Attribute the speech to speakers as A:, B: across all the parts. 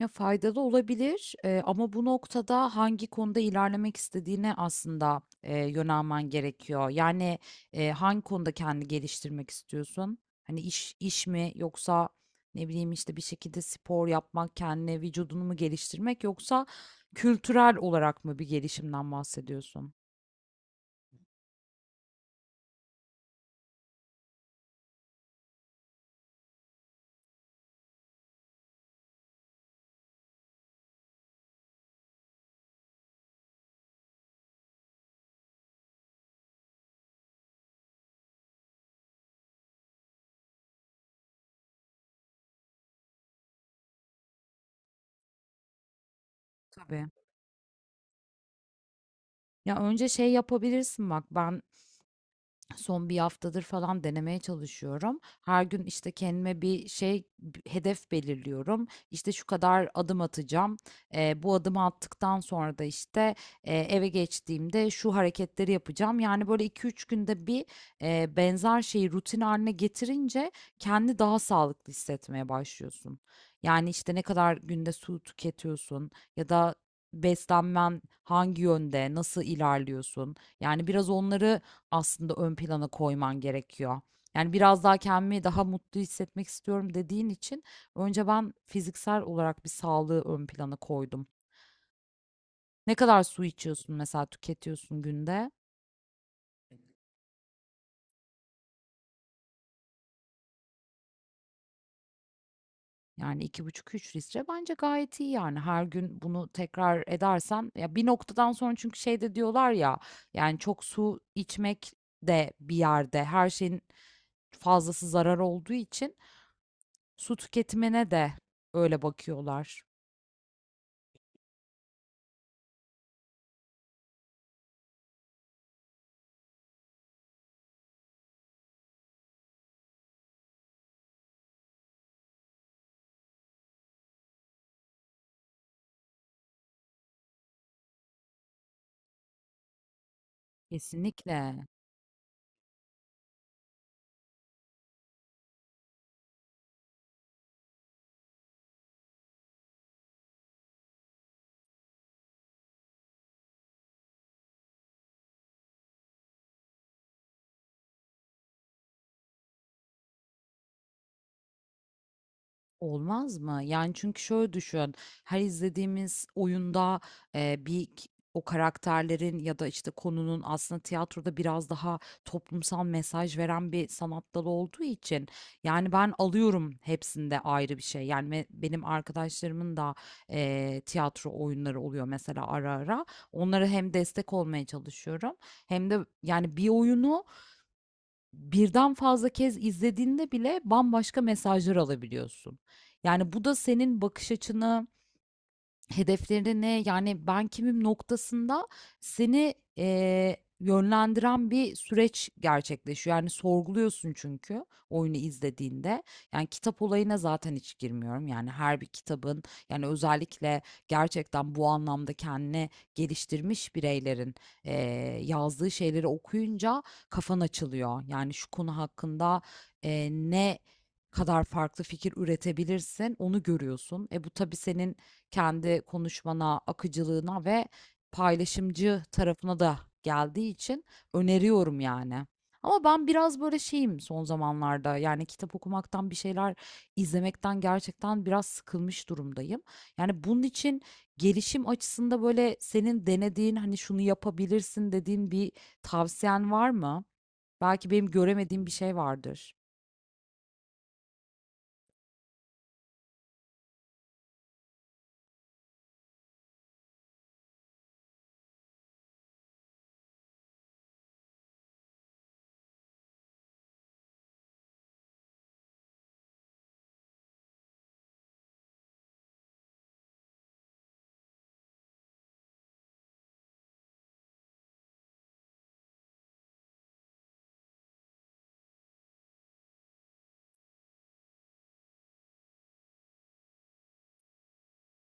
A: Ya, faydalı olabilir, ama bu noktada hangi konuda ilerlemek istediğine aslında, yönelmen gerekiyor. Yani, hangi konuda kendini geliştirmek istiyorsun? Hani, iş mi yoksa ne bileyim, işte, bir şekilde spor yapmak, kendine vücudunu mu geliştirmek yoksa kültürel olarak mı bir gelişimden bahsediyorsun? Tabii. Ya, önce şey yapabilirsin bak, ben, son bir haftadır falan denemeye çalışıyorum. Her gün, işte, kendime bir şey, b hedef belirliyorum. İşte, şu kadar adım atacağım. Bu adımı attıktan sonra da, işte, eve geçtiğimde şu hareketleri yapacağım. Yani, böyle iki üç günde bir, benzer şeyi rutin haline getirince kendi daha sağlıklı hissetmeye başlıyorsun. Yani, işte, ne kadar günde su tüketiyorsun ya da beslenmen hangi yönde, nasıl ilerliyorsun? Yani, biraz onları aslında ön plana koyman gerekiyor. Yani biraz daha kendimi daha mutlu hissetmek istiyorum dediğin için önce ben fiziksel olarak bir sağlığı ön plana koydum. Ne kadar su içiyorsun mesela, tüketiyorsun günde? Yani iki buçuk üç litre bence gayet iyi. Yani her gün bunu tekrar edersen ya bir noktadan sonra, çünkü şey de diyorlar ya, yani çok su içmek de bir yerde, her şeyin fazlası zarar olduğu için su tüketimine de öyle bakıyorlar. Kesinlikle. Olmaz mı? Yani çünkü şöyle düşün, her izlediğimiz oyunda e, bir k- o karakterlerin ya da işte konunun, aslında tiyatroda biraz daha toplumsal mesaj veren bir sanat dalı olduğu için, yani ben alıyorum hepsinde ayrı bir şey. Benim arkadaşlarımın da tiyatro oyunları oluyor mesela ara ara. Onlara hem destek olmaya çalışıyorum hem de, yani bir oyunu birden fazla kez izlediğinde bile bambaşka mesajlar alabiliyorsun. Yani bu da senin bakış açını, hedeflerine, ne yani ben kimim noktasında seni yönlendiren bir süreç gerçekleşiyor. Yani sorguluyorsun çünkü oyunu izlediğinde. Yani kitap olayına zaten hiç girmiyorum. Yani her bir kitabın, yani özellikle gerçekten bu anlamda kendini geliştirmiş bireylerin eee, yazdığı şeyleri okuyunca kafan açılıyor. Yani şu konu hakkında ne kadar farklı fikir üretebilirsin onu görüyorsun. E bu tabii senin kendi konuşmana, akıcılığına ve paylaşımcı tarafına da geldiği için öneriyorum yani. Ama ben biraz böyle şeyim son zamanlarda. Yani kitap okumaktan, bir şeyler izlemekten gerçekten biraz sıkılmış durumdayım. Yani bunun için gelişim açısında, böyle senin denediğin, hani şunu yapabilirsin dediğin bir tavsiyen var mı? Belki benim göremediğim bir şey vardır.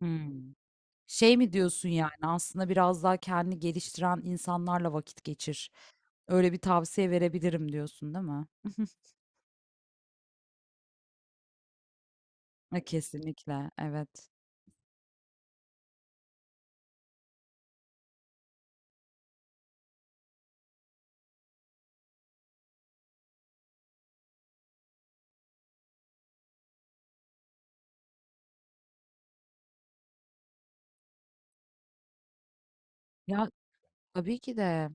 A: Hmm. Şey mi diyorsun, yani aslında biraz daha kendini geliştiren insanlarla vakit geçir. Öyle bir tavsiye verebilirim diyorsun, değil mi? E, kesinlikle, evet. Ya tabii ki de.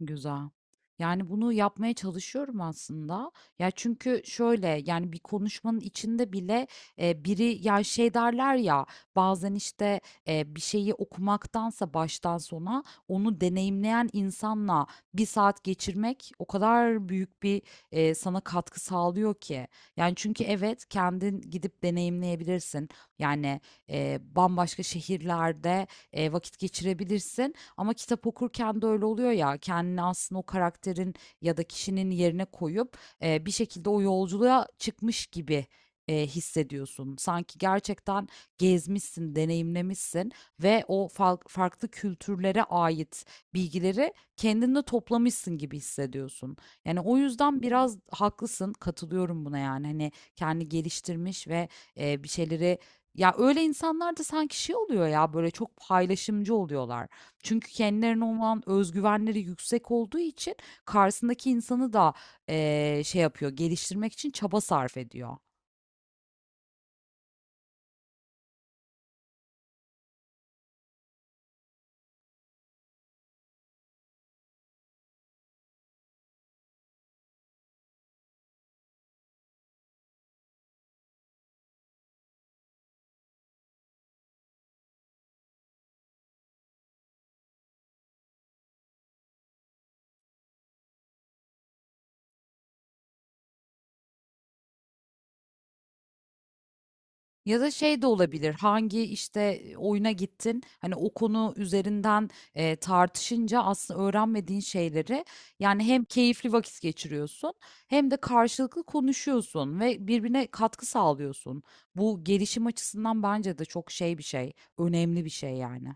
A: Güzel. Yani, bunu yapmaya çalışıyorum aslında. Ya, çünkü şöyle, yani, bir konuşmanın içinde bile, biri ya, şey derler ya, bazen, işte, bir şeyi okumaktansa baştan sona onu deneyimleyen insanla bir saat geçirmek o kadar büyük bir, sana katkı sağlıyor ki. Yani, çünkü evet, kendin gidip deneyimleyebilirsin. Yani, bambaşka şehirlerde, vakit geçirebilirsin ama kitap okurken de öyle oluyor ya, kendini aslında o karakterin ya da kişinin yerine koyup bir şekilde o yolculuğa çıkmış gibi hissediyorsun. Sanki gerçekten gezmişsin, deneyimlemişsin ve farklı kültürlere ait bilgileri kendinde toplamışsın gibi hissediyorsun. Yani o yüzden biraz haklısın, katılıyorum buna yani. Hani kendi geliştirmiş ve bir şeyleri, ya öyle insanlar da sanki şey oluyor ya, böyle çok paylaşımcı oluyorlar. Çünkü kendilerine olan özgüvenleri yüksek olduğu için karşısındaki insanı da şey yapıyor, geliştirmek için çaba sarf ediyor. Ya da şey de olabilir, hangi işte oyuna gittin, hani o konu üzerinden tartışınca aslında öğrenmediğin şeyleri, yani hem keyifli vakit geçiriyorsun hem de karşılıklı konuşuyorsun ve birbirine katkı sağlıyorsun. Bu gelişim açısından bence de çok şey bir şey, önemli bir şey yani.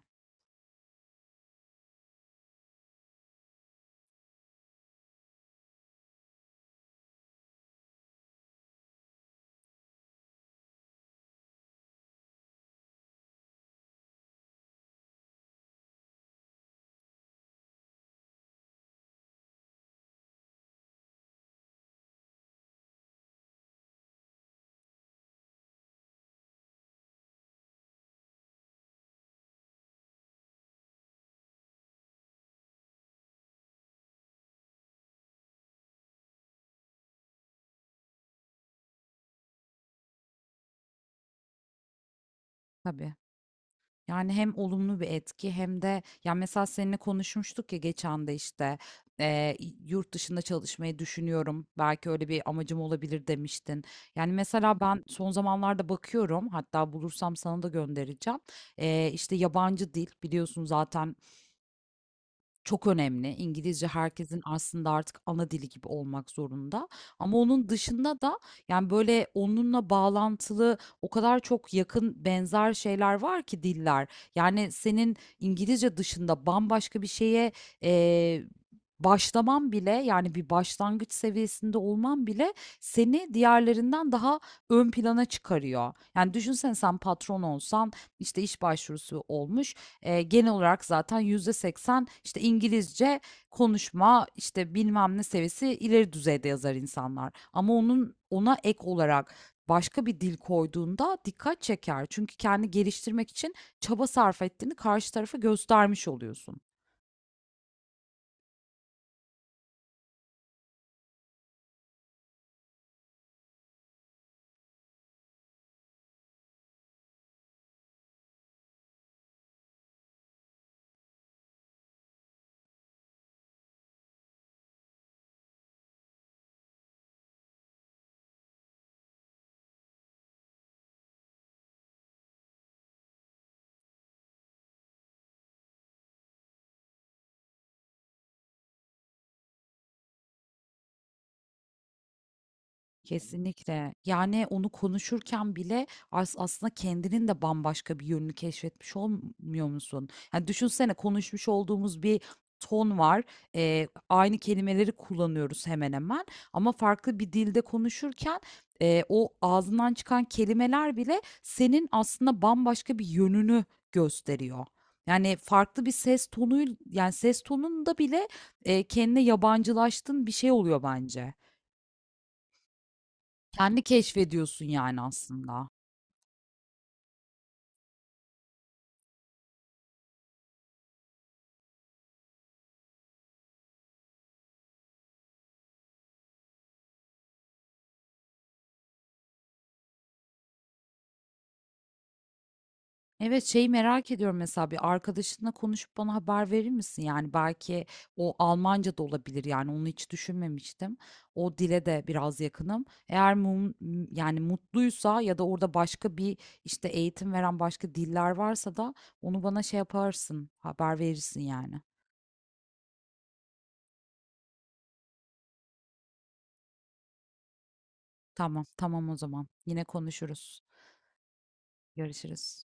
A: Tabii. Yani hem olumlu bir etki hem de, ya mesela seninle konuşmuştuk ya geçen de, işte eee, yurt dışında çalışmayı düşünüyorum, belki öyle bir amacım olabilir demiştin. Yani mesela ben son zamanlarda bakıyorum, hatta bulursam sana da göndereceğim. İşte yabancı dil biliyorsun, zaten çok önemli. İngilizce herkesin aslında artık ana dili gibi olmak zorunda. Ama onun dışında da, yani böyle onunla bağlantılı o kadar çok yakın benzer şeyler var ki, diller. Yani senin İngilizce dışında bambaşka bir şeye eee başlaman bile, yani bir başlangıç seviyesinde olman bile seni diğerlerinden daha ön plana çıkarıyor. Yani düşünsene, sen patron olsan, işte iş başvurusu olmuş. Genel olarak zaten %80 işte İngilizce konuşma, işte bilmem ne seviyesi ileri düzeyde yazar insanlar. Ama onun, ona ek olarak başka bir dil koyduğunda dikkat çeker. Çünkü kendi geliştirmek için çaba sarf ettiğini karşı tarafa göstermiş oluyorsun. Kesinlikle. Yani onu konuşurken bile aslında kendinin de bambaşka bir yönünü keşfetmiş olmuyor musun? Yani düşünsene, konuşmuş olduğumuz bir ton var. Aynı kelimeleri kullanıyoruz hemen hemen. Ama farklı bir dilde konuşurken o ağzından çıkan kelimeler bile senin aslında bambaşka bir yönünü gösteriyor. Yani farklı bir ses tonu, yani ses tonunda bile kendine yabancılaştığın bir şey oluyor bence. Kendi keşfediyorsun yani aslında. Evet, şeyi merak ediyorum, mesela bir arkadaşınla konuşup bana haber verir misin? Yani belki o Almanca da olabilir, yani onu hiç düşünmemiştim. O dile de biraz yakınım. Eğer yani mutluysa, ya da orada başka bir işte eğitim veren başka diller varsa da onu bana şey yaparsın, haber verirsin yani. Tamam, tamam o zaman. Yine konuşuruz. Görüşürüz.